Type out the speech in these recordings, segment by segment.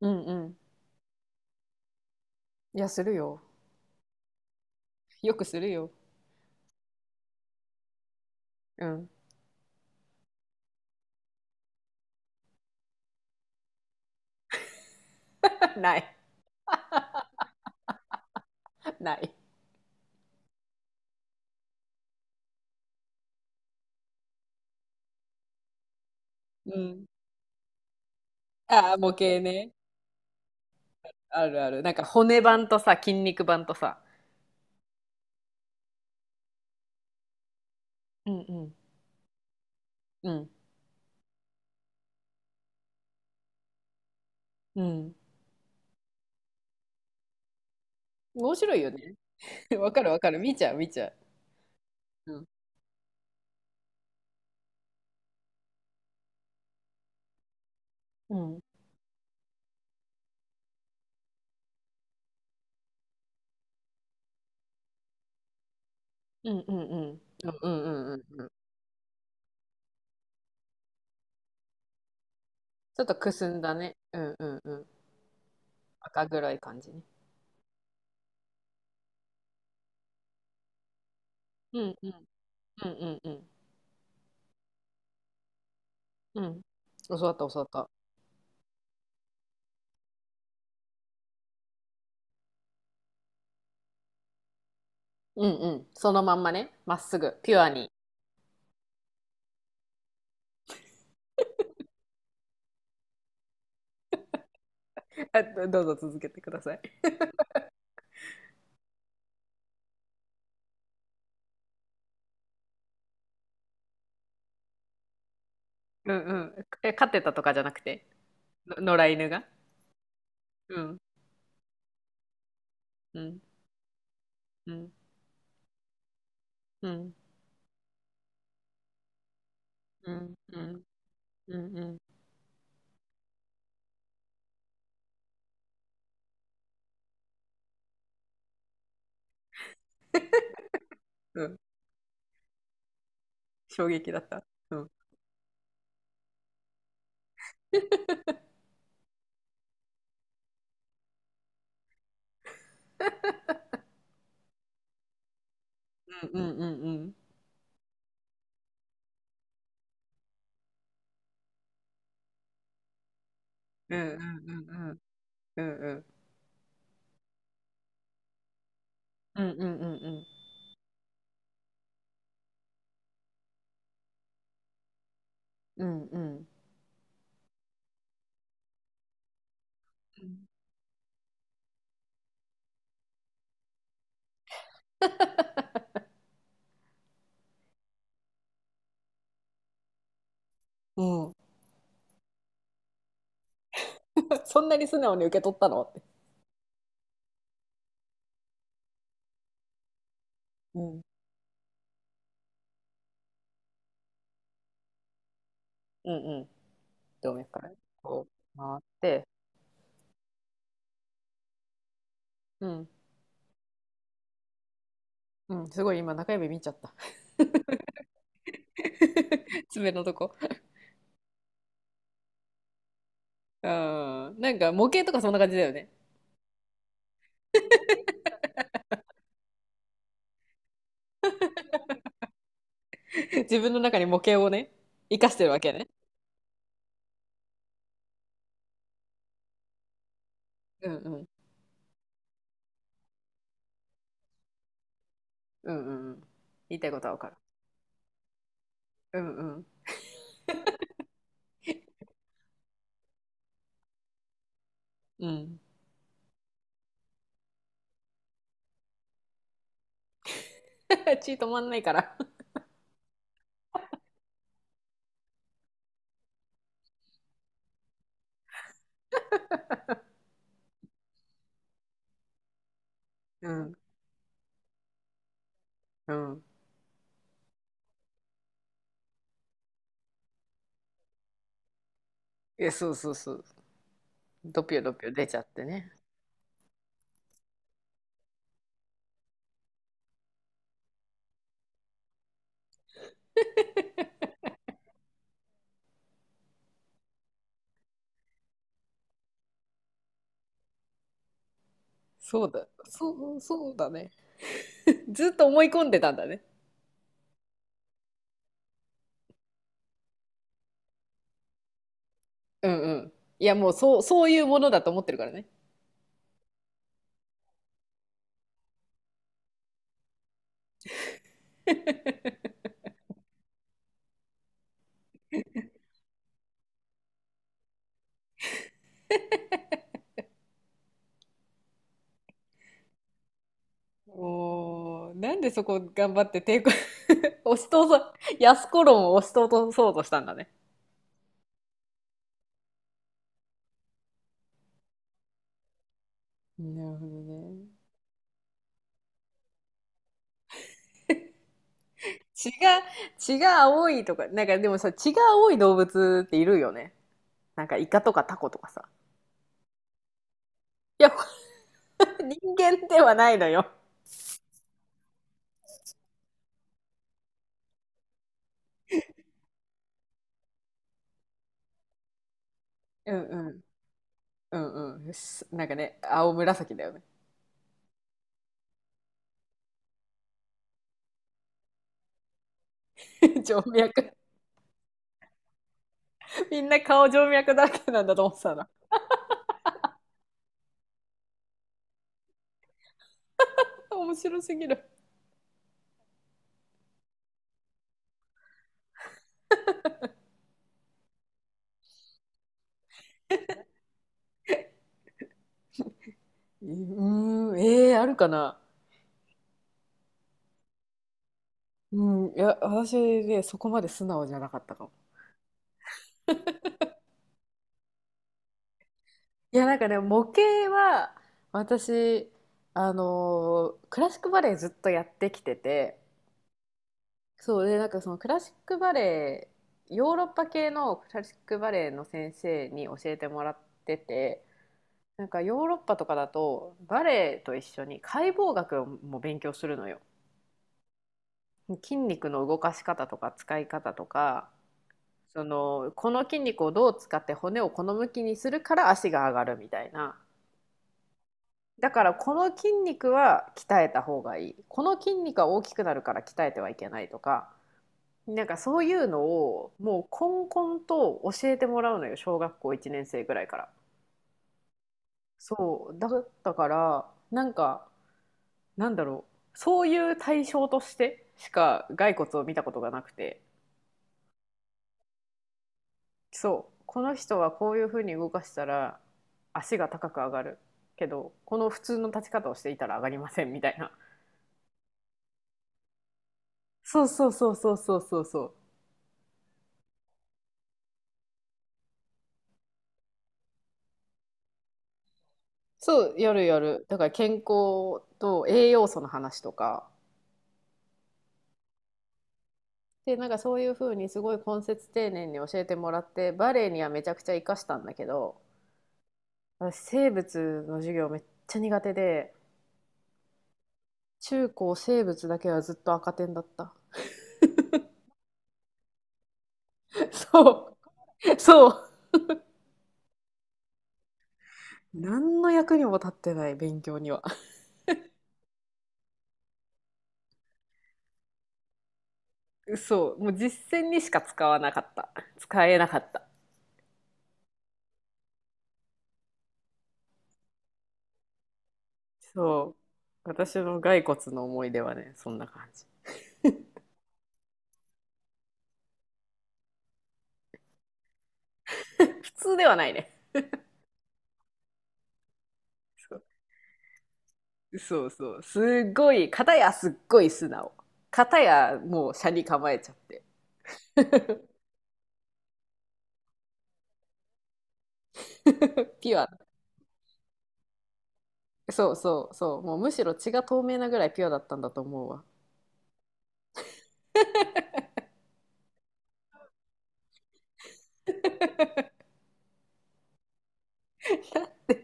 うんうん。いや、するよ。よくするよ。うん。ない。ない。うん。ああ、模型ね。あるある。なんか骨盤とさ、筋肉盤とさ。うんうん。うん。うん。面白いよね。わかるわかる。見ちゃう見ちゃう。うん。うん。うんうんうん。うんうんうんうんうん。ちょっとくすんだね。うんうんうん。赤黒い感じね。うんうん。うんうんうん。うん。教わった教わった。うんうん。そのまんまね。まっすぐ。ピュアに。あどどうぞ続けてください。うんうん。え、飼ってたとかじゃなくて、の野良犬が。うん。うん。うん。うん。うん。うん。うん。うん。うん衝撃だった。うん。うんうんうんうん。うんうんうんうん。うんうんうんうん。うんうんうん。うん。うんうんうんうんうんうんうんうんうん、そんなに素直に受け取ったのって。うん。うんうん。動脈からこう回って。うん。うん。すごい今中指見ちゃった。爪のとこ。うん。なんか模型とかそんな感じだよね。自分の中に模型をね、生かしてるわけね。うんうん。うんうんうん。言いたいことはわかる。うんうんうん。血止まんないから。うんうん。いや、そうそうそう。ドピョドピョ出ちゃってね。そうだ。そう、そうだね。ずっと思い込んでたんだね。うんうん。いや、もうそう、そういうものだと思ってるからね。もう、なんでそこ頑張って抵抗、押し通そう、安子論を押し通そうとしたんだね。なるほどね。血が、血が青いとか、なんかでもさ、血が青い動物っているよね。なんかイカとかタコとかさ。いや、人間ではないのよ。うんうん。うんうん。なんかね、青紫だよね。静脈。みんな顔静脈だらけなんだと思ってたな。面白すぎる。うーん、えー、あるかな。うん、いや、私ね、そこまで素直じゃなかったかも。いや、なんかね、模型は、私、クラシックバレエずっとやってきてて、そうでなんかそのクラシックバレエヨーロッパ系のクラシックバレエの先生に教えてもらってて、なんかヨーロッパとかだとバレエと一緒に解剖学をも勉強するのよ。筋肉の動かし方とか使い方とか、そのこの筋肉をどう使って骨をこの向きにするから足が上がるみたいな。だからこの筋肉は鍛えた方がいい、この筋肉は大きくなるから鍛えてはいけないとか、なんかそういうのをもうこんこんと教えてもらうのよ、小学校1年生ぐらいから。そうだったから、なんかなんだろう、そういう対象としてしか骸骨を見たことがなくて、そうこの人はこういうふうに動かしたら足が高く上がるけど、この普通の立ち方をしていたら上がりませんみたいな。そうそうそうそうそうそうそう。そうやるやる、だから健康と栄養素の話とかで、なんかそういう風にすごい根節丁寧に教えてもらって、バレエにはめちゃくちゃ活かしたんだけど、私生物の授業めっちゃ苦手で、中高生物だけはずっと赤点だった。そう、そう。何の役にも立ってない勉強には。そう、もう実践にしか使わなかった。使えなかった。そう。私の骸骨の思い出はね、そんな感じ。普通ではないね。そそうそう。すっごい、片やすっごい素直。片やもう斜に構えちゃって。ピュア。そうそうそう。もうむしろ血が透明なぐらいピュアだったんだと思うわ。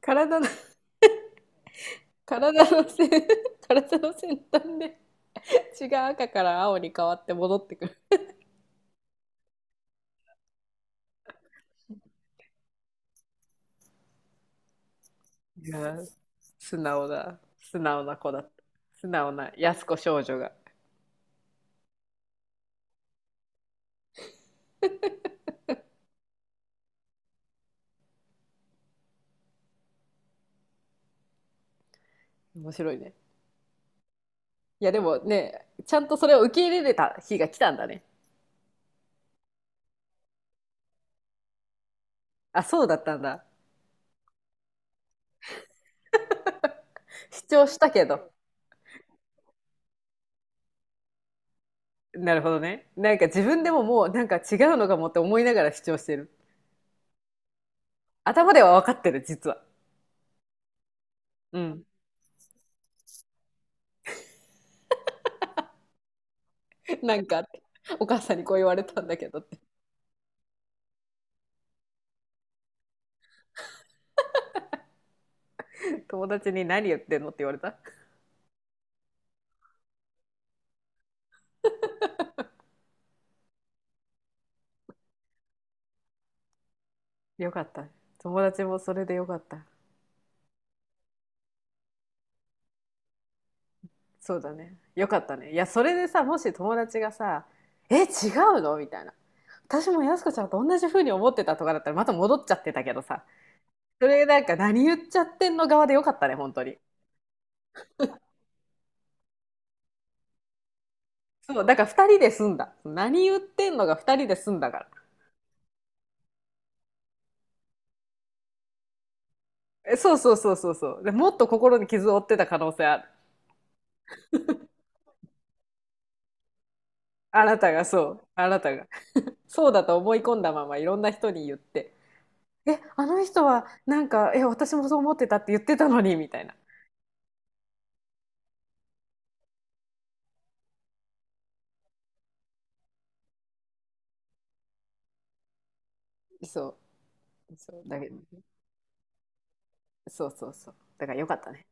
体の、体の先、体の先端で血が赤から青に変わって戻ってくる。いやー、素直だ。素直な子だった。素直な安子少女が。面白いね。いやでもね、ちゃんとそれを受け入れれた日が来たんだね。あ、そうだったんだ。主張したけど。なるほどね。なんか自分でももうなんか違うのかもって思いながら主張してる。頭では分かってる、実は。うん。なんか、お母さんにこう言われたんだけどって。友達に何言ってんのって言われた。よかった。友達もそれでよかった。そうだね。よかったね。いや、それでさ、もし友達がさ、え、違うのみたいな。私もやすこちゃんと同じ風に思ってたとかだったらまた戻っちゃってたけどさ。それなんか何言っちゃってんの側でよかったね、本当に。そう、だから2人で済んだ。何言ってんのが2人で済んだから。えそうそうそうそうそう。で、もっと心に傷を負ってた可能性ある。あなたがそう。あなたが。そうだと思い込んだままいろんな人に言って。え、あの人はなんか、え、私もそう思ってたって言ってたのに、みたいな。そう。そう、だけど、そうそうそう。だからよかったね。